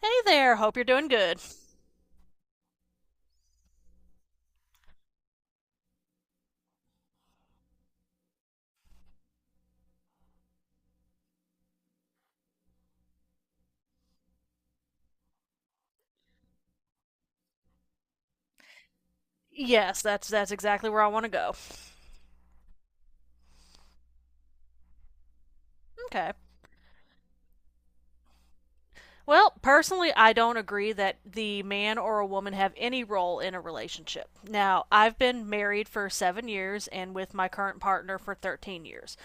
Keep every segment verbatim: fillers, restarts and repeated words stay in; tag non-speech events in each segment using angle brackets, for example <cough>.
Hey there, hope you're doing good. Yes, that's that's exactly where I want to go. Okay. Well, personally, I don't agree that the man or a woman have any role in a relationship. Now, I've been married for seven years and with my current partner for thirteen years.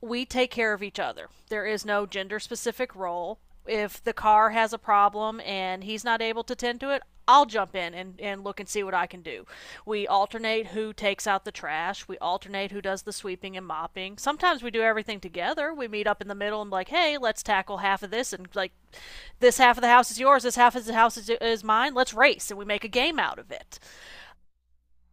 We take care of each other. There is no gender specific role. If the car has a problem and he's not able to attend to it, I'll jump in and, and look and see what I can do. We alternate who takes out the trash. We alternate who does the sweeping and mopping. Sometimes we do everything together. We meet up in the middle and be like, hey, let's tackle half of this, and like this half of the house is yours, this half of the house is, is mine. Let's race and we make a game out of it.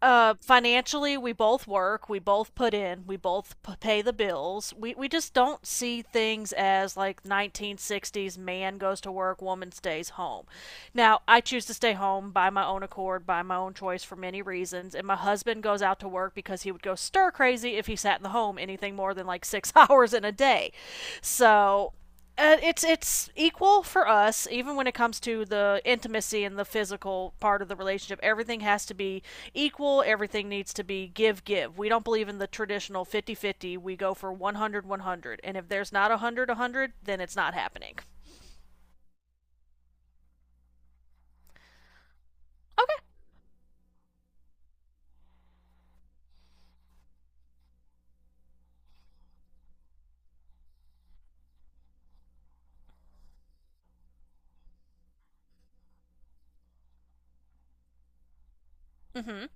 uh, Financially, we both work, we both put in, we both p- pay the bills. We we just don't see things as like nineteen sixties man goes to work, woman stays home. Now, I choose to stay home by my own accord, by my own choice for many reasons, and my husband goes out to work because he would go stir crazy if he sat in the home anything more than like six <laughs> hours in a day. So, uh, it's it's equal for us. Even when it comes to the intimacy and the physical part of the relationship, everything has to be equal, everything needs to be give give we don't believe in the traditional fifty fifty. We go for one hundred one hundred. And if there's not 100-100, then it's not happening. Okay. Mhm.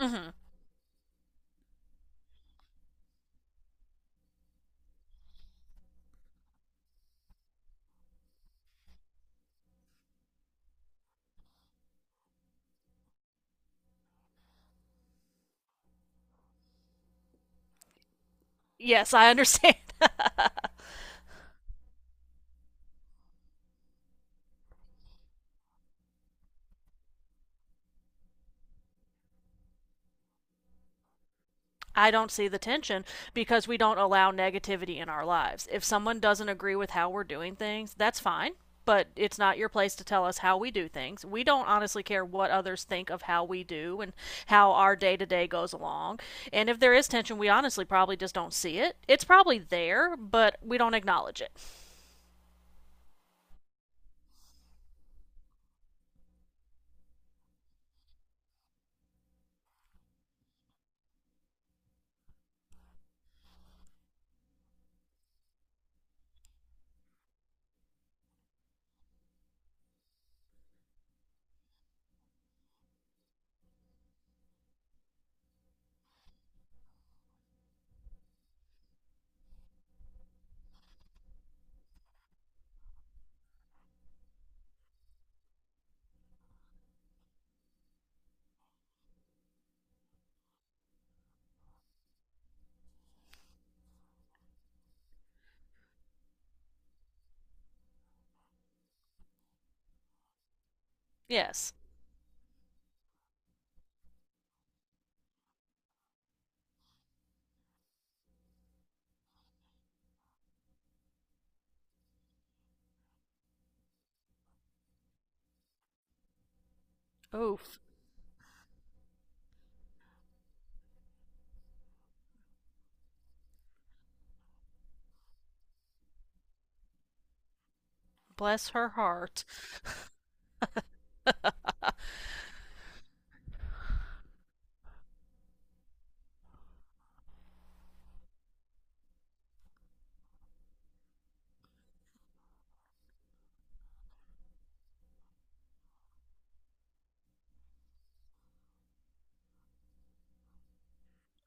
Mhm. Yes, I understand. <laughs> I don't see the tension because we don't allow negativity in our lives. If someone doesn't agree with how we're doing things, that's fine, but it's not your place to tell us how we do things. We don't honestly care what others think of how we do and how our day to day goes along. And if there is tension, we honestly probably just don't see it. It's probably there, but we don't acknowledge it. Yes. Oof. Bless her heart.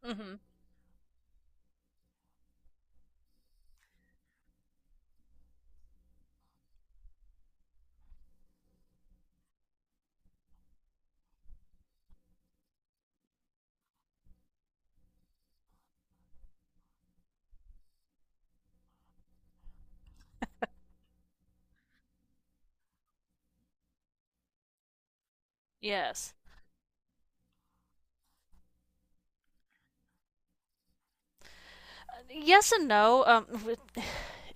<laughs> Hmm. Yes. Yes and no. Um, <sighs>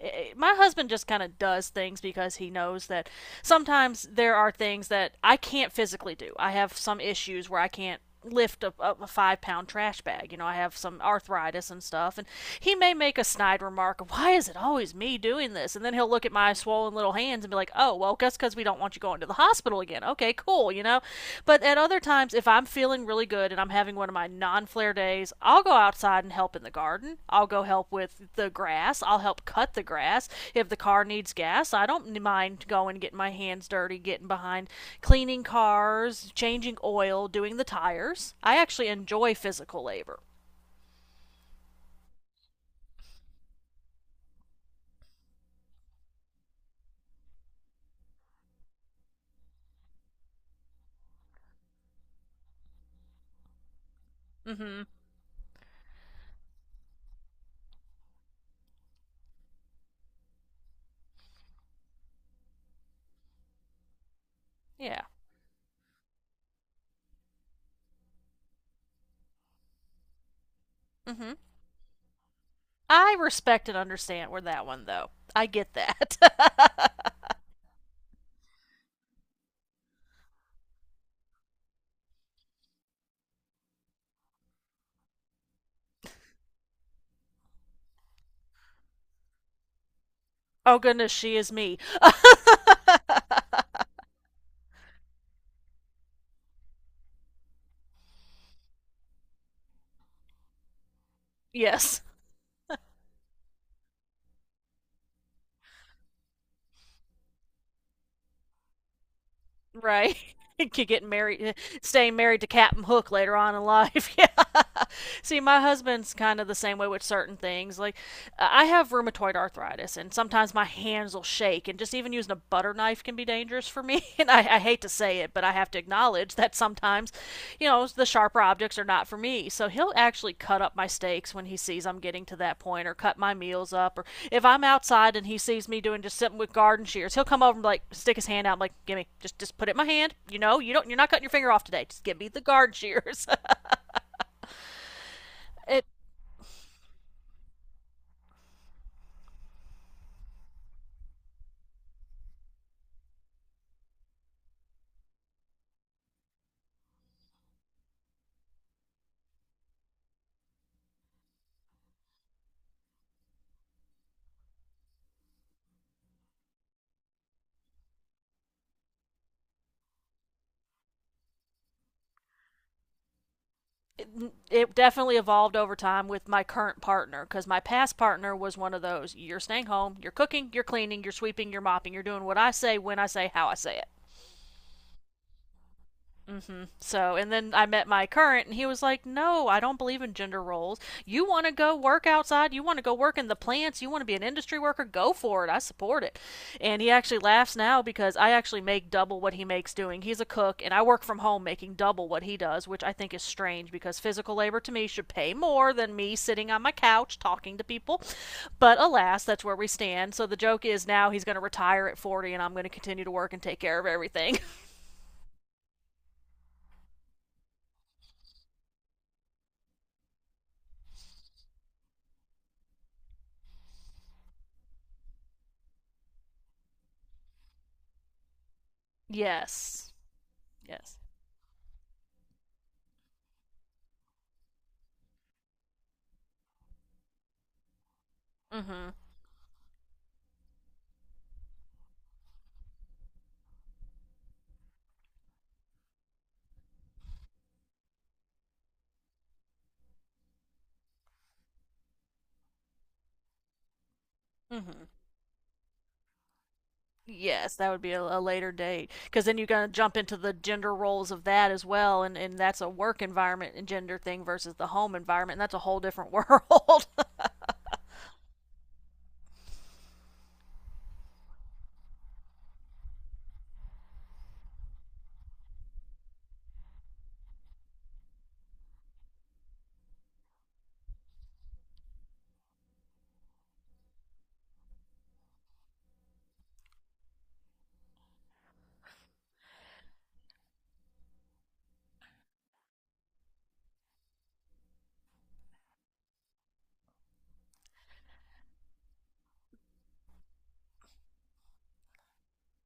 <laughs> My husband just kind of does things because he knows that sometimes there are things that I can't physically do. I have some issues where I can't lift a, a five pound trash bag. You know, I have some arthritis and stuff, and he may make a snide remark, of, "Why is it always me doing this?" And then he'll look at my swollen little hands and be like, "Oh, well, guess because we don't want you" going to the hospital again. Okay, cool, you know? But at other times, if I'm feeling really good and I'm having one of my non flare days, I'll go outside and help in the garden. I'll go help with the grass. I'll help cut the grass. If the car needs gas, I don't mind going, getting my hands dirty, getting behind cleaning cars, changing oil, doing the tires. I actually enjoy physical labor. Mm hmm. Yeah. Mm hmm. I respect and understand where that one, though. I get that. <laughs> Oh, goodness, she is me. <laughs> Yes, right. <laughs> Could get married, staying married to Captain Hook later on in life. <laughs> Yeah. See, my husband's kind of the same way with certain things. Like, I have rheumatoid arthritis, and sometimes my hands will shake, and just even using a butter knife can be dangerous for me. <laughs> And I, I hate to say it, but I have to acknowledge that sometimes, you know, the sharper objects are not for me. So he'll actually cut up my steaks when he sees I'm getting to that point, or cut my meals up, or if I'm outside and he sees me doing just something with garden shears, he'll come over and like stick his hand out, and like, give me, just just put it in my hand. You know, you don't, you're not cutting your finger off today. Just give me the garden shears. <laughs> it it, it definitely evolved over time with my current partner, because my past partner was one of those, you're staying home, you're cooking, you're cleaning, you're sweeping, you're mopping, you're doing what I say, when I say, how I say it. So, and then I met my current, and he was like, no, I don't believe in gender roles. You want to go work outside? You want to go work in the plants? You want to be an industry worker? Go for it. I support it. And he actually laughs now because I actually make double what he makes doing. He's a cook, and I work from home making double what he does, which I think is strange because physical labor to me should pay more than me sitting on my couch talking to people. But alas, that's where we stand. So the joke is now he's going to retire at forty, and I'm going to continue to work and take care of everything. <laughs> Yes. Yes. Mm-hmm. Mm-hmm. Yes, that would be a, a later date, because then you're going to jump into the gender roles of that as well, and, and that's a work environment and gender thing versus the home environment, and that's a whole different <laughs> world.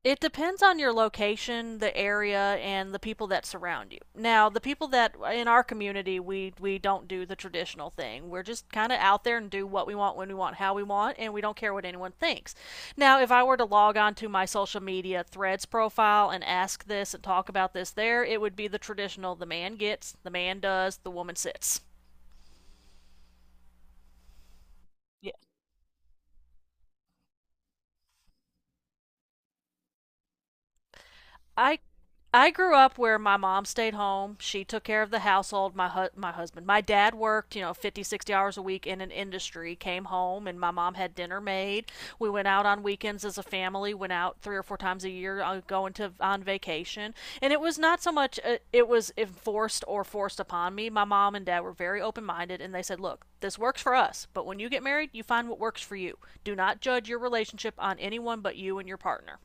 It depends on your location, the area, and the people that surround you. Now, the people that in our community, we we don't do the traditional thing. We're just kind of out there and do what we want, when we want, how we want, and we don't care what anyone thinks. Now, if I were to log on to my social media threads profile and ask this and talk about this there, it would be the traditional, the man gets, the man does, the woman sits. I I grew up where my mom stayed home. She took care of the household, my hu- my husband. My dad worked, you know, fifty sixty hours a week in an industry, came home and my mom had dinner made. We went out on weekends as a family, went out three or four times a year, uh, going to on vacation. And it was not so much uh, it was enforced or forced upon me. My mom and dad were very open-minded and they said, "Look, this works for us, but when you get married, you find what works for you. Do not judge your relationship on anyone but you and your partner."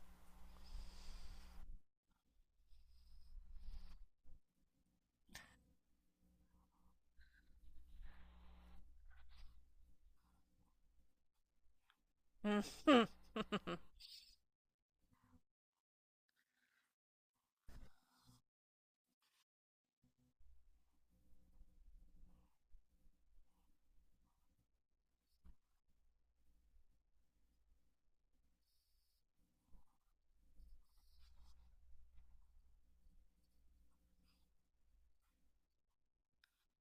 <laughs> Mm-hmm.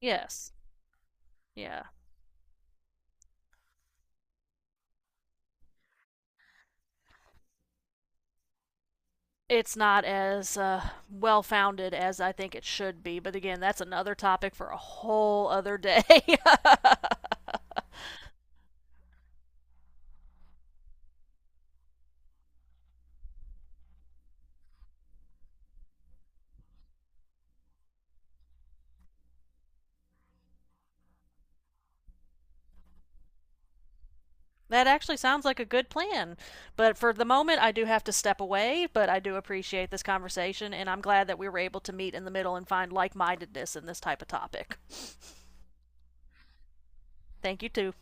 Yes. Yeah. It's not as uh, well founded as I think it should be, but again, that's another topic for a whole other day. <laughs> That actually sounds like a good plan. But for the moment, I do have to step away, but I do appreciate this conversation, and I'm glad that we were able to meet in the middle and find like mindedness in this type of topic. <laughs> Thank you, too.